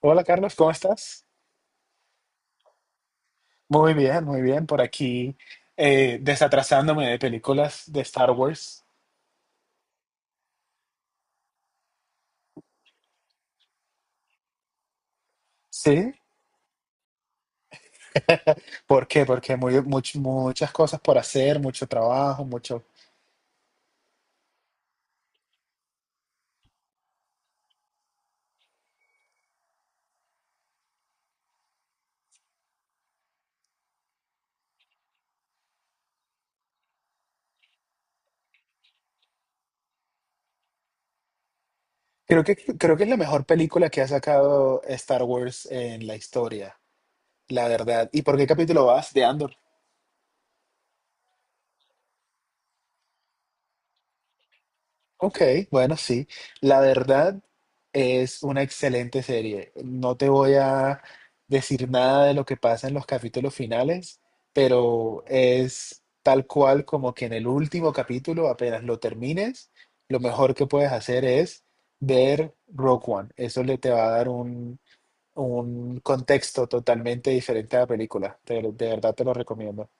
Hola Carlos, ¿cómo estás? Muy bien, muy bien. Por aquí desatrasándome de películas de Star Wars. ¿Sí? ¿Por qué? Porque muy, muchas cosas por hacer, mucho trabajo, mucho. Creo que es la mejor película que ha sacado Star Wars en la historia, la verdad. ¿Y por qué capítulo vas de Andor? Ok, bueno, sí. La verdad es una excelente serie. No te voy a decir nada de lo que pasa en los capítulos finales, pero es tal cual como que en el último capítulo, apenas lo termines, lo mejor que puedes hacer es ver Rogue One. Eso le te va a dar un contexto totalmente diferente a la película. De verdad te lo recomiendo.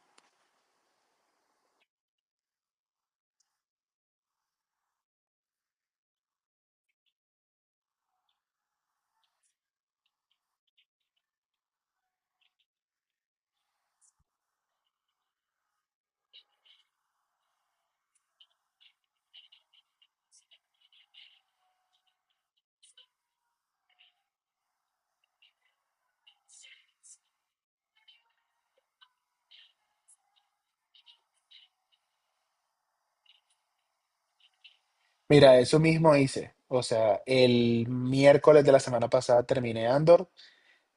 Mira, eso mismo hice. O sea, el miércoles de la semana pasada terminé Andor.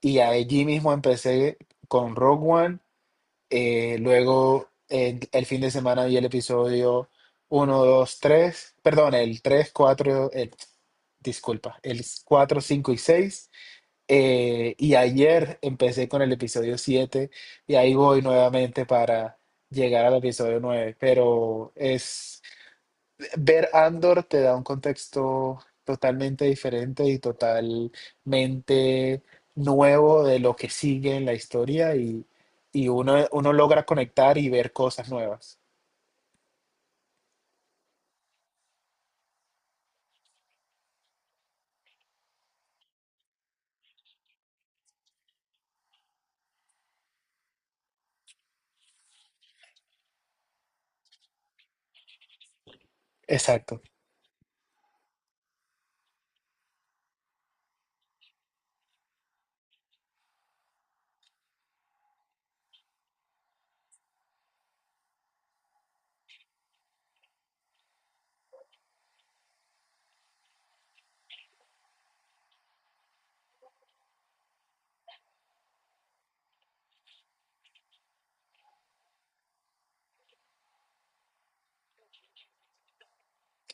Y allí mismo empecé con Rogue One. Luego el fin de semana vi el episodio uno 2 tres. Perdón, el 3 4 disculpa, el 4 5 y seis. Y ayer empecé con el episodio 7 y ahí voy nuevamente para llegar al episodio nueve. Pero es, ver Andor te da un contexto totalmente diferente y totalmente nuevo de lo que sigue en la historia y uno logra conectar y ver cosas nuevas. Exacto.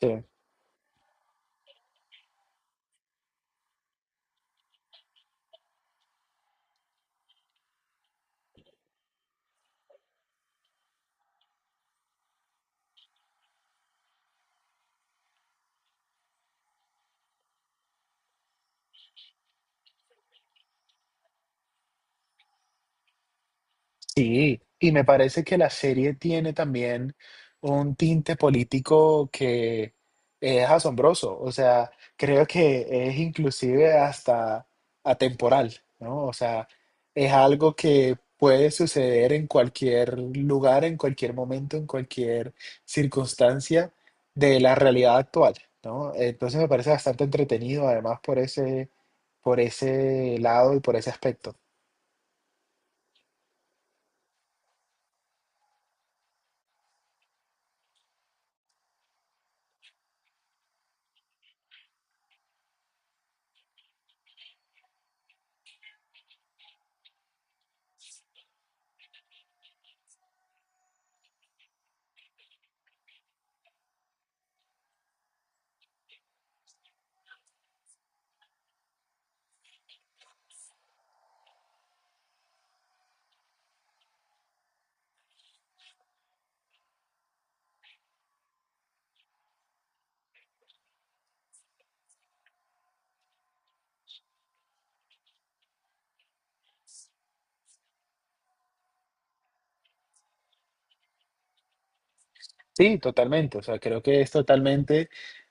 Sí. Sí, y me parece que la serie tiene también un tinte político que es asombroso, o sea, creo que es inclusive hasta atemporal, ¿no? O sea, es algo que puede suceder en cualquier lugar, en cualquier momento, en cualquier circunstancia de la realidad actual, ¿no? Entonces me parece bastante entretenido, además, por ese lado y por ese aspecto. Sí, totalmente. O sea, creo que es totalmente.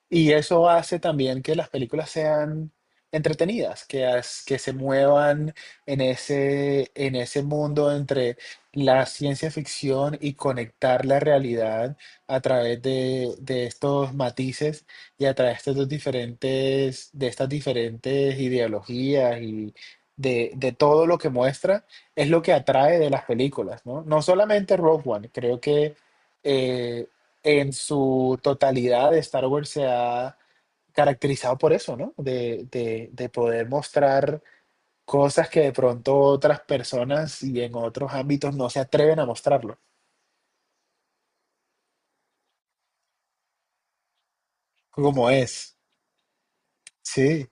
Y eso hace también que las películas sean entretenidas, que, que se muevan en ese mundo entre la ciencia ficción y conectar la realidad a través de estos matices y a través de estos diferentes, de estas diferentes ideologías y de todo lo que muestra, es lo que atrae de las películas, ¿no? No solamente Rogue One, creo que. eh, en su totalidad, Star Wars se ha caracterizado por eso, ¿no? De poder mostrar cosas que de pronto otras personas y en otros ámbitos no se atreven a mostrarlo, como es. Sí.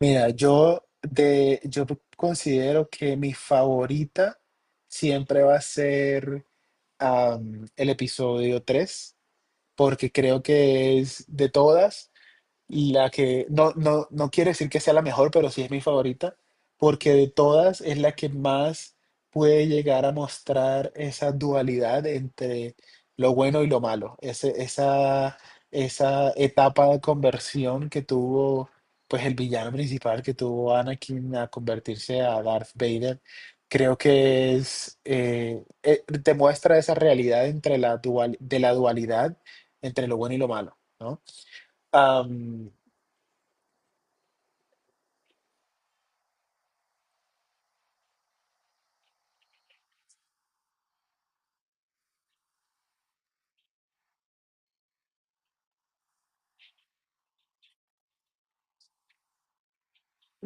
Mira, yo considero que mi favorita siempre va a ser el episodio tres, porque creo que es de todas la que no, quiere decir que sea la mejor, pero sí es mi favorita, porque de todas es la que más puede llegar a mostrar esa dualidad entre lo bueno y lo malo. Esa etapa de conversión que tuvo pues el villano principal que tuvo Anakin a convertirse a Darth Vader, creo que es, te muestra esa realidad entre de la dualidad entre lo bueno y lo malo, ¿no?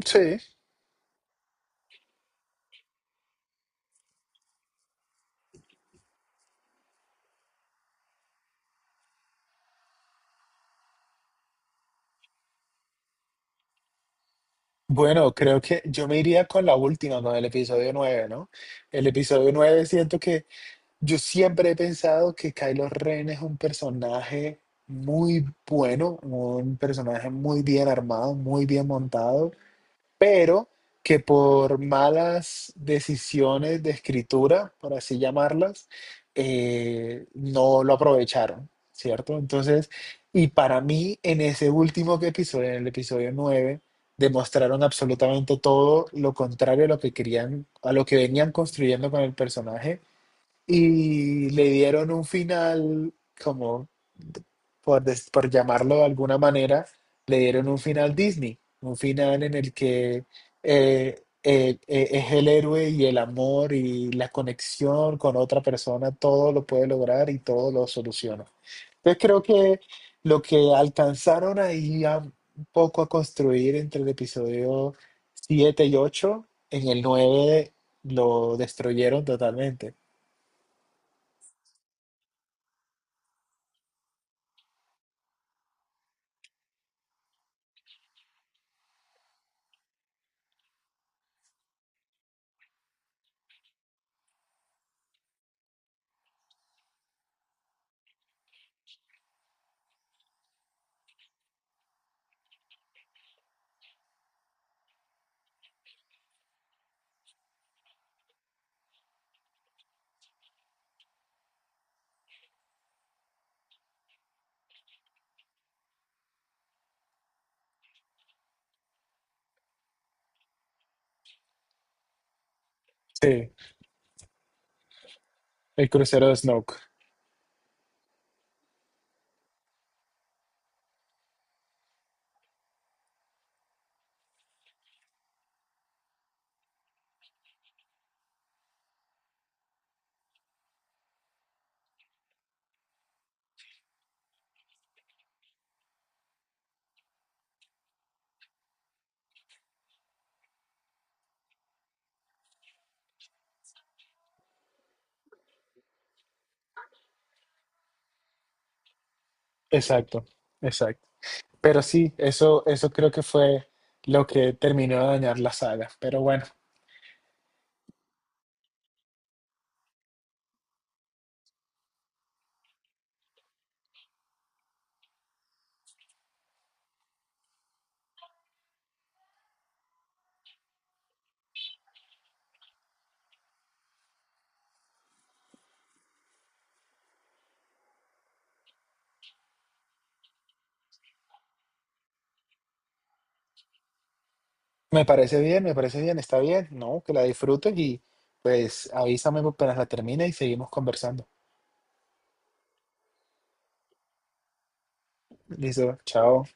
Sí. Bueno, creo que yo me iría con la última, con el episodio 9, ¿no? El episodio 9 siento que yo siempre he pensado que Kylo Ren es un personaje muy bueno, un personaje muy bien armado, muy bien montado. Pero que por malas decisiones de escritura, por así llamarlas, no lo aprovecharon, ¿cierto? Entonces, y para mí en ese último que episodio, en el episodio 9, demostraron absolutamente todo lo contrario a lo que querían, a lo que venían construyendo con el personaje, y le dieron un final como, por llamarlo de alguna manera, le dieron un final Disney, un final en el que es el héroe y el amor y la conexión con otra persona, todo lo puede lograr y todo lo soluciona. Entonces creo que lo que alcanzaron ahí un poco a construir entre el episodio 7 y ocho, en el 9 lo destruyeron totalmente. Sí. El crucero de Snoke. Exacto, exacto. Pero sí, eso creo que fue lo que terminó de dañar la saga. Pero bueno, me parece bien, está bien, ¿no? Que la disfrutes y pues avísame apenas la termine y seguimos conversando. Listo, chao.